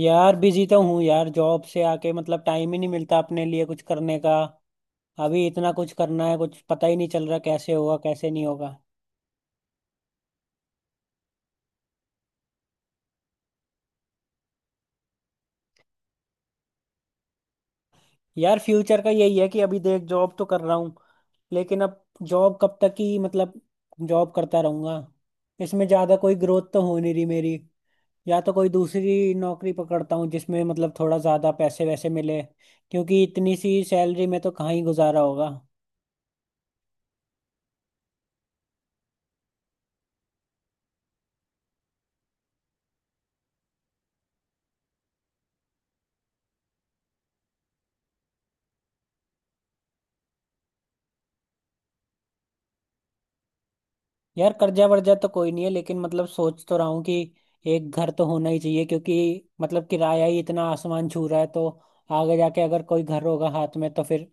यार बिजी तो हूँ यार जॉब से आके मतलब टाइम ही नहीं मिलता अपने लिए कुछ करने का। अभी इतना कुछ करना है, कुछ पता ही नहीं चल रहा कैसे होगा कैसे नहीं होगा। यार फ्यूचर का यही है कि अभी देख जॉब तो कर रहा हूँ, लेकिन अब जॉब कब तक ही, मतलब जॉब करता रहूंगा। इसमें ज़्यादा कोई ग्रोथ तो हो नहीं रही मेरी। या तो कोई दूसरी नौकरी पकड़ता हूँ जिसमें मतलब थोड़ा ज़्यादा पैसे वैसे मिले, क्योंकि इतनी सी सैलरी में तो कहाँ ही गुजारा होगा। यार कर्जा वर्जा तो कोई नहीं है, लेकिन मतलब सोच तो रहा हूँ कि एक घर तो होना ही चाहिए, क्योंकि मतलब किराया ही इतना आसमान छू रहा है। तो आगे जाके अगर कोई घर होगा हाथ में तो फिर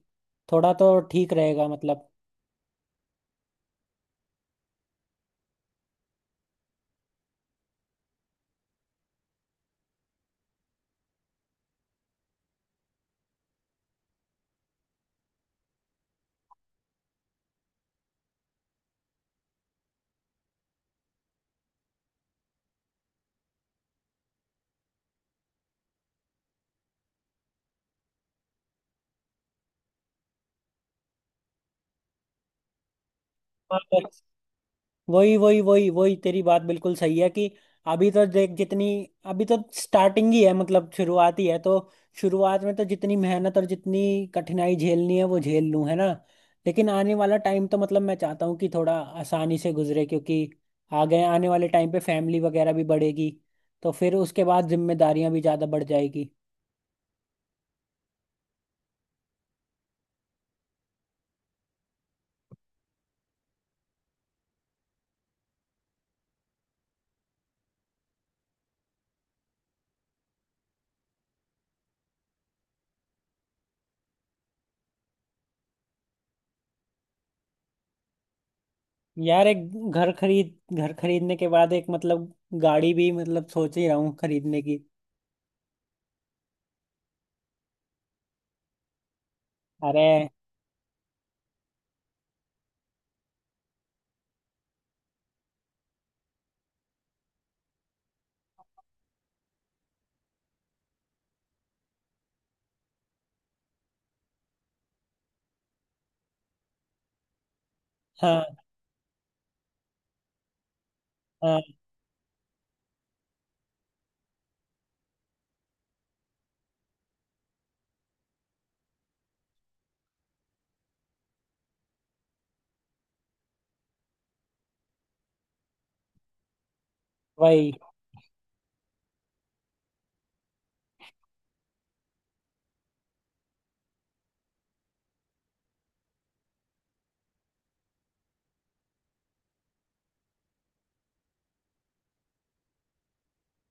थोड़ा तो ठीक रहेगा मतलब। हाँ, वही वही वही वही तेरी बात बिल्कुल सही है कि अभी तो देख जितनी, अभी तो स्टार्टिंग ही है, मतलब शुरुआत ही है। तो शुरुआत में तो जितनी मेहनत और जितनी कठिनाई झेलनी है वो झेल लूं, है ना। लेकिन आने वाला टाइम तो मतलब मैं चाहता हूँ कि थोड़ा आसानी से गुजरे, क्योंकि आगे आने वाले टाइम पे फैमिली वगैरह भी बढ़ेगी, तो फिर उसके बाद जिम्मेदारियां भी ज़्यादा बढ़ जाएगी। यार एक घर खरीदने के बाद एक मतलब गाड़ी भी, मतलब सोच ही रहा हूँ खरीदने की। अरे! हाँ, हाँ, वही।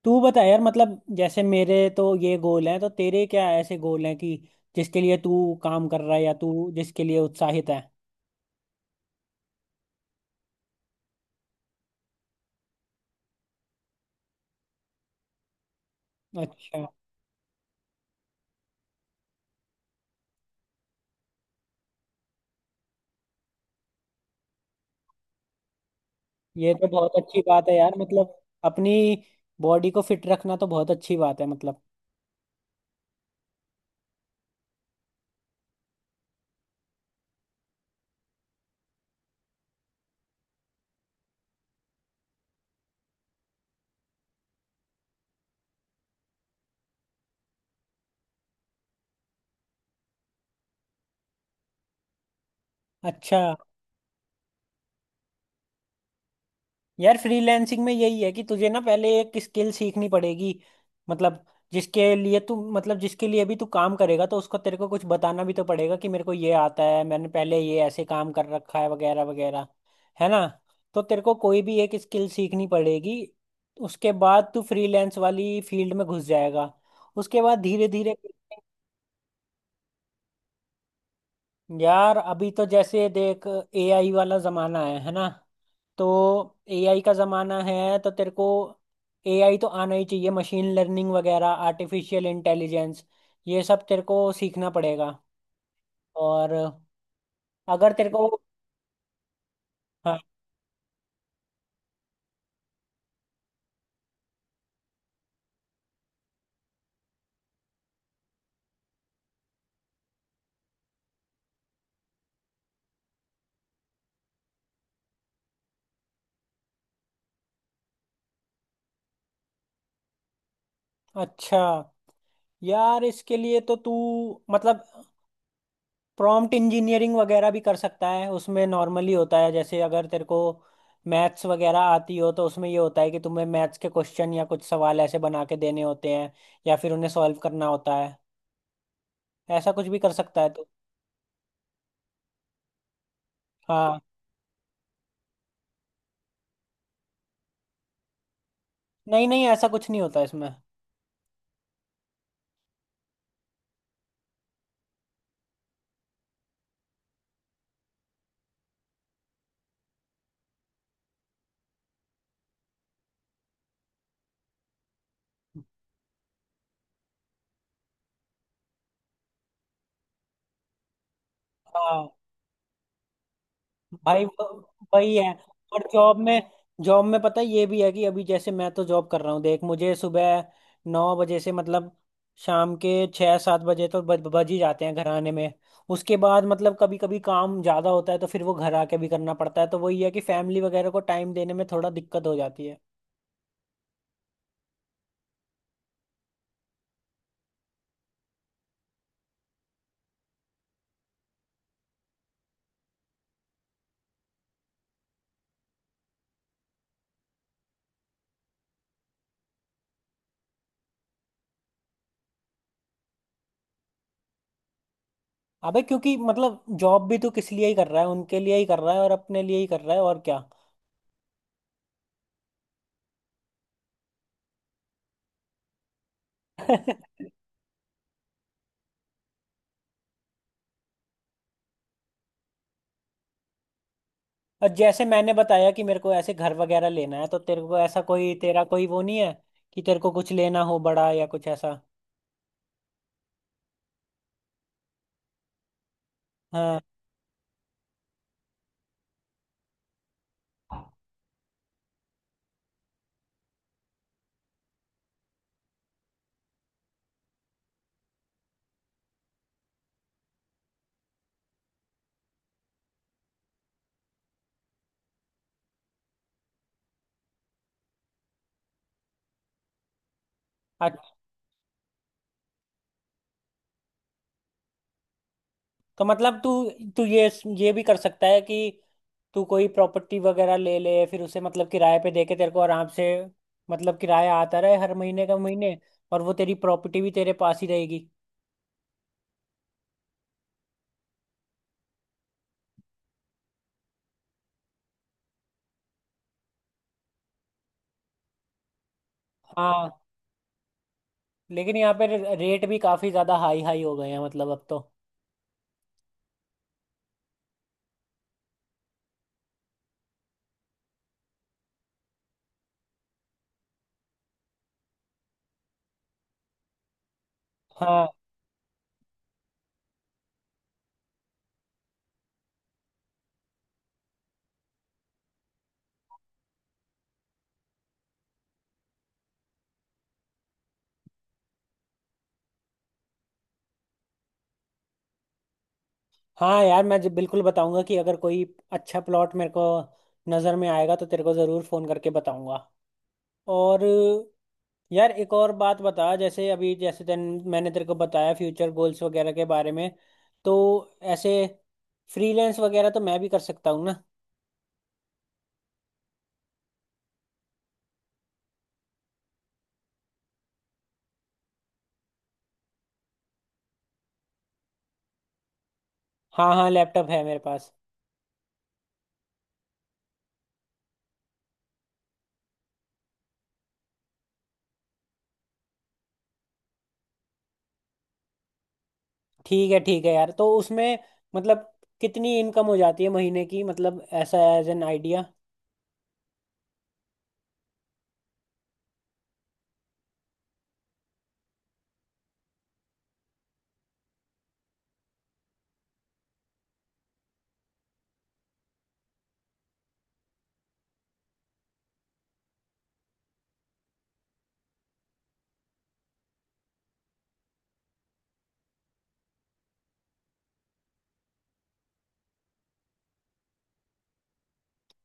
तू बता यार, मतलब जैसे मेरे तो ये गोल हैं, तो तेरे क्या ऐसे गोल हैं कि जिसके लिए तू काम कर रहा है या तू जिसके लिए उत्साहित है। अच्छा। ये तो बहुत अच्छी बात है यार, मतलब अपनी बॉडी को फिट रखना तो बहुत अच्छी बात है मतलब। अच्छा। यार फ्रीलैंसिंग में यही है कि तुझे ना पहले एक स्किल सीखनी पड़ेगी। मतलब जिसके लिए तू, मतलब जिसके लिए भी तू काम करेगा तो उसको तेरे को कुछ बताना भी तो पड़ेगा कि मेरे को ये आता है, मैंने पहले ये ऐसे काम कर रखा है वगैरह वगैरह, है ना। तो तेरे को कोई भी एक स्किल सीखनी पड़ेगी। उसके बाद तू फ्रीलैंस वाली फील्ड में घुस जाएगा, उसके बाद धीरे धीरे। यार अभी तो जैसे देख, एआई वाला जमाना है ना। तो एआई का जमाना है तो तेरे को एआई तो आना ही चाहिए, मशीन लर्निंग वगैरह, आर्टिफिशियल इंटेलिजेंस, ये सब तेरे को सीखना पड़ेगा। और अगर तेरे को। हाँ। अच्छा। यार इसके लिए तो तू मतलब प्रॉम्प्ट इंजीनियरिंग वगैरह भी कर सकता है। उसमें नॉर्मली होता है, जैसे अगर तेरे को मैथ्स वगैरह आती हो, तो उसमें ये होता है कि तुम्हें मैथ्स के क्वेश्चन या कुछ सवाल ऐसे बना के देने होते हैं, या फिर उन्हें सॉल्व करना होता है। ऐसा कुछ भी कर सकता है तू। हाँ। नहीं नहीं, ऐसा कुछ नहीं होता इसमें। हाँ भाई, वही है। और जॉब में पता है ये भी है कि अभी जैसे मैं तो जॉब कर रहा हूँ। देख मुझे सुबह 9 बजे से मतलब शाम के 6-7 बजे तो बज बज ही जाते हैं घर आने में। उसके बाद मतलब कभी कभी काम ज़्यादा होता है तो फिर वो घर आके भी करना पड़ता है, तो वही है कि फैमिली वगैरह को टाइम देने में थोड़ा दिक्कत हो जाती है। अबे, क्योंकि मतलब जॉब भी तू किस लिए ही कर रहा है? उनके लिए ही कर रहा है, और अपने लिए ही कर रहा है, और क्या। और जैसे मैंने बताया कि मेरे को ऐसे घर वगैरह लेना है, तो तेरे को ऐसा कोई, तेरा कोई वो नहीं है कि तेरे को कुछ लेना हो बड़ा या कुछ ऐसा। हाँ। अच्छा, तो मतलब तू तू ये भी कर सकता है कि तू कोई प्रॉपर्टी वगैरह ले ले, फिर उसे मतलब किराए पे दे के तेरे को आराम से मतलब किराया आता रहे हर महीने का महीने। और वो तेरी प्रॉपर्टी भी तेरे पास ही रहेगी। हाँ लेकिन यहाँ पे रेट भी काफी ज्यादा हाई हाई हो गए हैं मतलब अब तो। हाँ, हाँ। यार मैं जब बिल्कुल बताऊंगा कि अगर कोई अच्छा प्लॉट मेरे को नज़र में आएगा तो तेरे को ज़रूर फ़ोन करके बताऊंगा। और यार एक और बात बता, जैसे अभी जैसे तेन मैंने तेरे को बताया फ्यूचर गोल्स वगैरह के बारे में। तो ऐसे फ्रीलांस वगैरह तो मैं भी कर सकता हूँ ना। हाँ, हाँ, लैपटॉप है मेरे पास। ठीक है, ठीक है यार। तो उसमें मतलब कितनी इनकम हो जाती है महीने की, मतलब ऐसा एज एन आइडिया।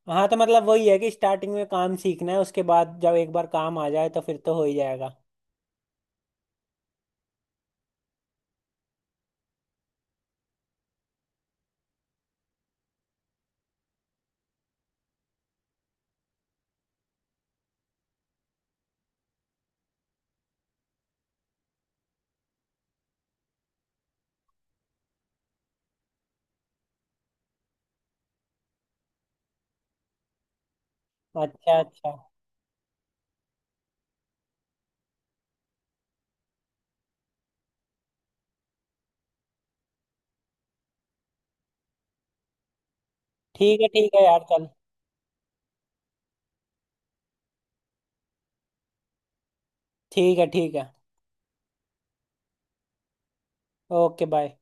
हाँ तो मतलब वही है कि स्टार्टिंग में काम सीखना है, उसके बाद जब एक बार काम आ जाए तो फिर तो हो ही जाएगा। अच्छा, अच्छा। ठीक है, ठीक है यार चल। ठीक है, ठीक है। Okay bye.